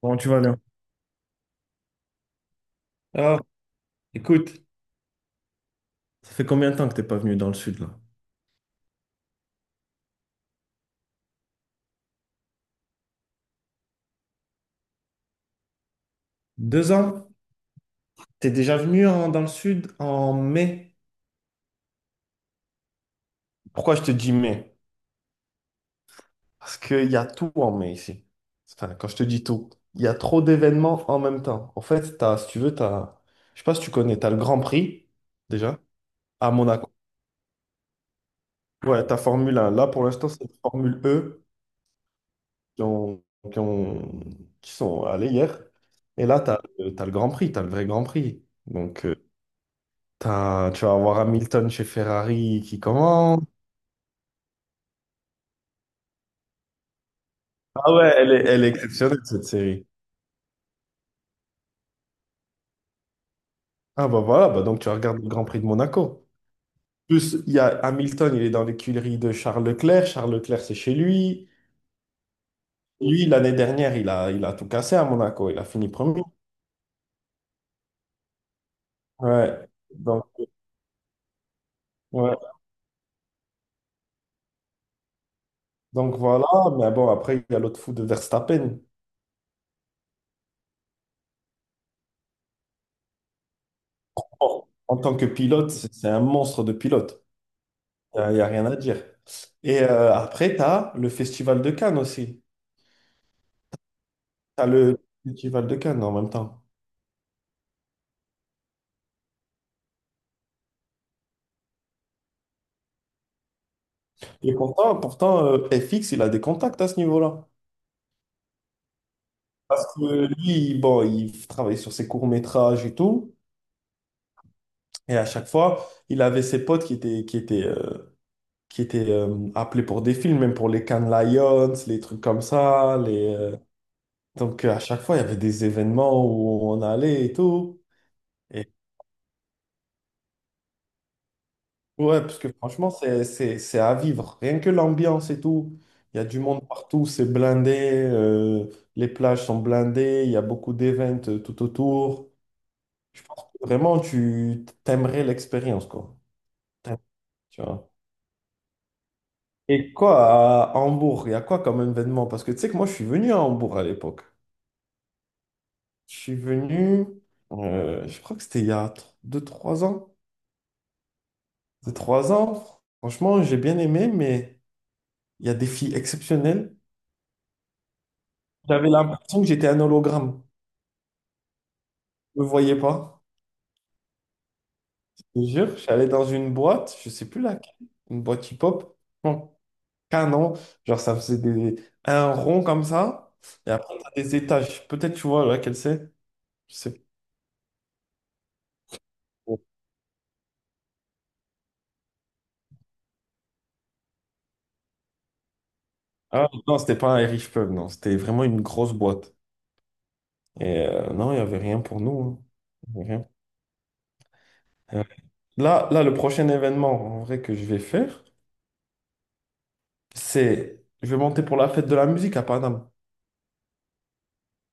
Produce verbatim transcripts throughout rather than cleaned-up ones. Comment tu vas là? Ah, écoute. Ça fait combien de temps que t'es pas venu dans le sud là? Deux ans, t'es déjà venu en- dans le sud en mai. Pourquoi je te dis mai? Parce qu'il y a tout en mai ici. Enfin, quand je te dis tout, il y a trop d'événements en même temps. En fait, t'as, si tu veux, t'as, je sais pas si tu connais, t'as le Grand Prix, déjà, à Monaco. Ouais, ta Formule un. Là, pour l'instant, c'est la Formule E qui ont, qui ont- qui sont allés hier. Et là, t'as, as le Grand Prix, t'as le vrai Grand Prix. Donc, euh, T'as, tu vas avoir Hamilton chez Ferrari qui commence. Ah ouais, elle est, elle est exceptionnelle cette série. Ah bah voilà, bah donc tu regardes le Grand Prix de Monaco. Plus, il y a Hamilton, il est dans l'écurie de Charles Leclerc. Charles Leclerc, c'est chez lui. Lui, l'année dernière, il a, il a tout cassé à Monaco. Il a fini premier. Ouais. Donc, ouais. Donc voilà, mais bon, après, il y a l'autre fou de Verstappen. Bon, en tant que pilote, c'est c'est un monstre de pilote. Il n'y a, y a rien à dire. Et euh, après, tu as le Festival de Cannes aussi. T'as le Festival de Cannes en même temps. Et pourtant, pourtant euh, F X, il a des contacts à ce niveau-là. Parce que lui, bon, il travaillait sur ses courts-métrages et tout. Et à chaque fois, il avait ses potes qui étaient, qui étaient, euh, qui étaient euh, appelés pour des films, même pour les Cannes Lions, les trucs comme ça. Les, euh, Donc à chaque fois, il y avait des événements où on allait et tout. Ouais, parce que franchement, c'est, c'est, c'est à vivre. Rien que l'ambiance et tout. Il y a du monde partout, c'est blindé, euh, les plages sont blindées, il y a beaucoup d'events euh, tout autour. Je pense que vraiment, tu t'aimerais l'expérience, quoi. T'aimerais, Tu vois. Et quoi, à Hambourg, il y a quoi comme événement? Parce que tu sais que moi, je suis venu à Hambourg à l'époque. Je suis venu, euh, je crois que c'était il y a deux trois ans. Deux trois ans, franchement, j'ai bien aimé, mais il y a des filles exceptionnelles. J'avais l'impression que j'étais un hologramme. Je ne me voyais pas. Je te jure, je suis allé dans une boîte, je sais plus laquelle, une boîte hip-hop, bon canon. Genre, ça faisait des, un rond comme ça. Et après, t'as des étages. Peut-être tu vois laquelle c'est. Je sais pas. Ah, non, c'était pas un Irish pub, non. C'était vraiment une grosse boîte. Et euh, non, il n'y avait rien pour nous, hein. Il y avait rien. Euh, Là, là, le prochain événement en vrai que je vais faire, c'est je vais monter pour la fête de la musique à Paname.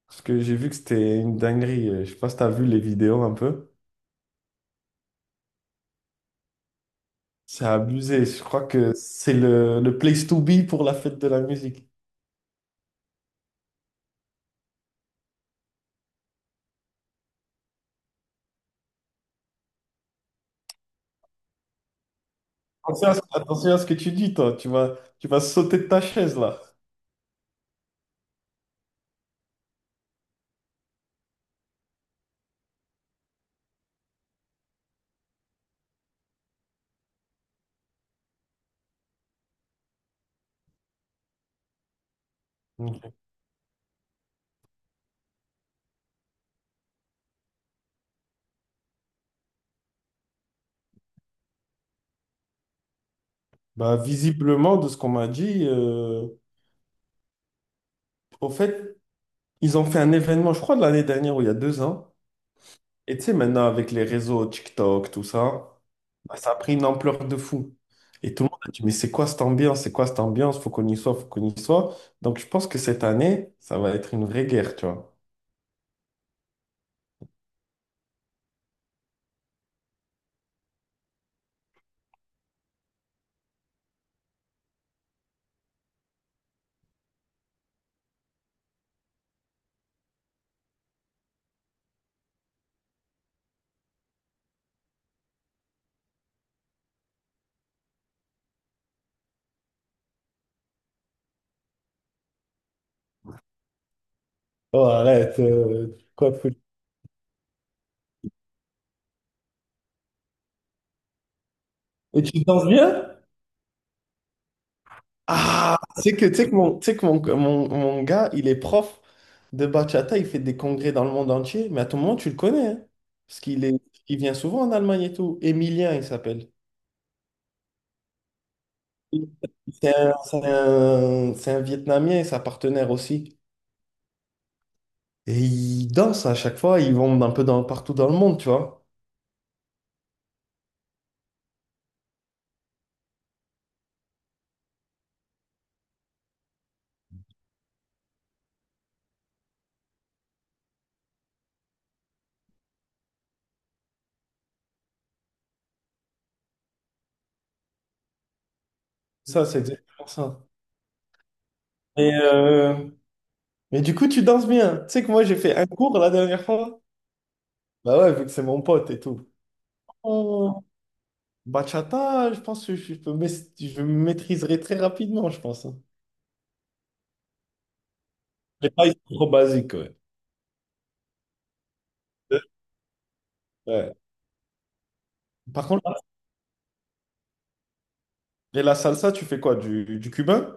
Parce que j'ai vu que c'était une dinguerie. euh, Je sais pas si t'as vu les vidéos un peu. C'est abusé. Je crois que c'est le, le place to be pour la fête de la musique. Attention à ce, attention à ce que tu dis, toi. Tu vas, tu vas sauter de ta chaise, là. Ok. Bah, visiblement, de ce qu'on m'a dit, euh, au fait, ils ont fait un événement, je crois, de l'année dernière ou il y a deux ans. Et tu sais, maintenant, avec les réseaux TikTok, tout ça. Ça a pris une ampleur de fou. Et tout le monde a dit, mais c'est quoi cette ambiance? C'est quoi cette ambiance? Faut qu'on y soit, faut qu'on y soit. Donc je pense que cette année, ça va être une vraie guerre, tu vois. Oh, arrête, euh, quoi de fou. Et tu danses bien? Ah, c'est que, tu sais que, mon, tu sais que mon, mon, mon gars, il est prof de bachata, il fait des congrès dans le monde entier, mais à tout moment, tu le connais, hein. parce qu'il est, il vient souvent en Allemagne et tout. Emilien, il s'appelle. C'est un, c'est un- c'est un Vietnamien et sa partenaire aussi. Et ils dansent à chaque fois, ils vont un peu dans, partout dans le monde, tu vois. Ça, c'est exactement ça. Et, euh, mais du coup, tu danses bien. Tu sais que moi, j'ai fait un cours la dernière fois. Bah ouais, vu que c'est mon pote et tout. Oh, bachata, je pense que je peux, maît- je maîtriserai très rapidement, je pense, hein. Les pas, ils sont trop basiques, ouais. Ouais. Par contre, et la salsa, tu fais quoi? Du, du cubain?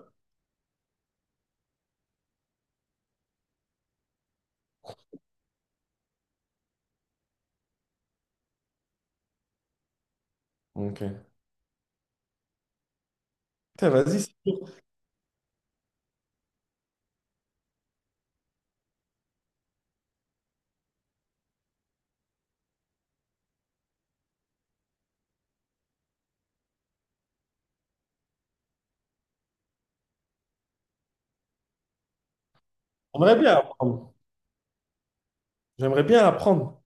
Ok. Putain, vas-y, c'est dur. On aimerait bien apprendre. J'aimerais bien apprendre.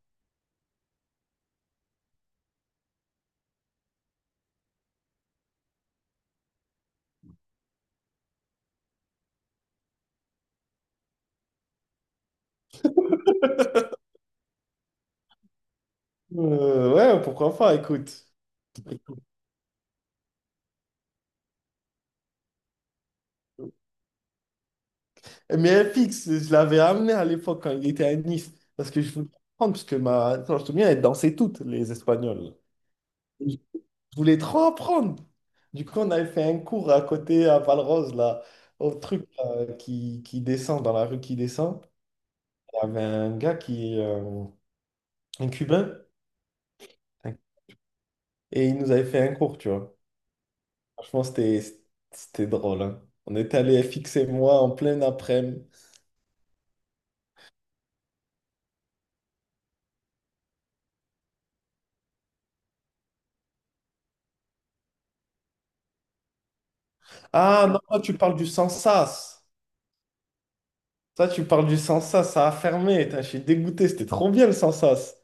Euh, ouais, pourquoi pas, écoute. Mais F X, je l'avais amené à l'époque quand il était à Nice, parce que je voulais apprendre, parce que ma... quand je te souviens, elle dansait toutes, les Espagnols. Je voulais trop apprendre. Du coup, on avait fait un cours à côté, à Valrose, là, au truc là, qui, qui descend, dans la rue qui descend. Il y avait un gars qui... euh, un Cubain, et il nous avait fait un cours, tu vois. Franchement, c'était c'était drôle, hein. On était allé F X et moi en plein après-midi. Ah non, toi, tu parles du Sansas. Toi, tu parles du Sansas, ça a fermé. Tain, je suis dégoûté, c'était trop bien le Sansas.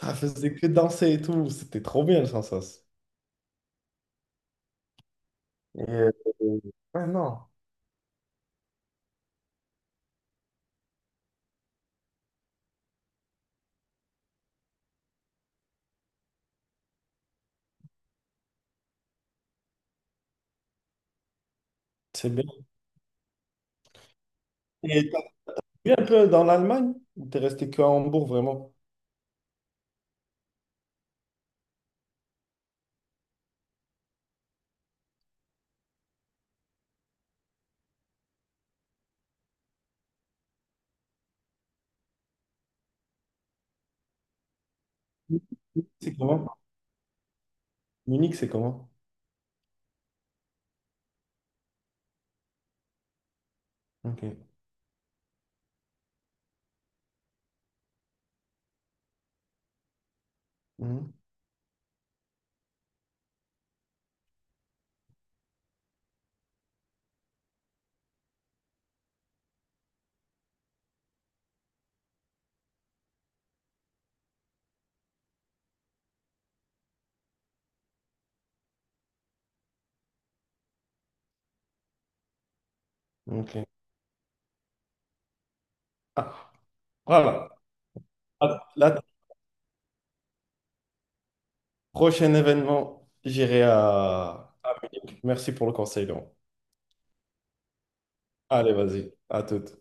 Ça faisait que danser et tout, c'était trop bien le Sansas. Et, euh, ouais, non, c'est bien. Et t'as vu un peu dans l'Allemagne? Ou t'es resté que à Hambourg, vraiment? C'est comment? Munich, c'est comment? Ok. Mhm. Ok. Ah, voilà. Alors, là, prochain événement, j'irai à. Merci pour le conseil, Laurent. Allez, vas-y, à toute.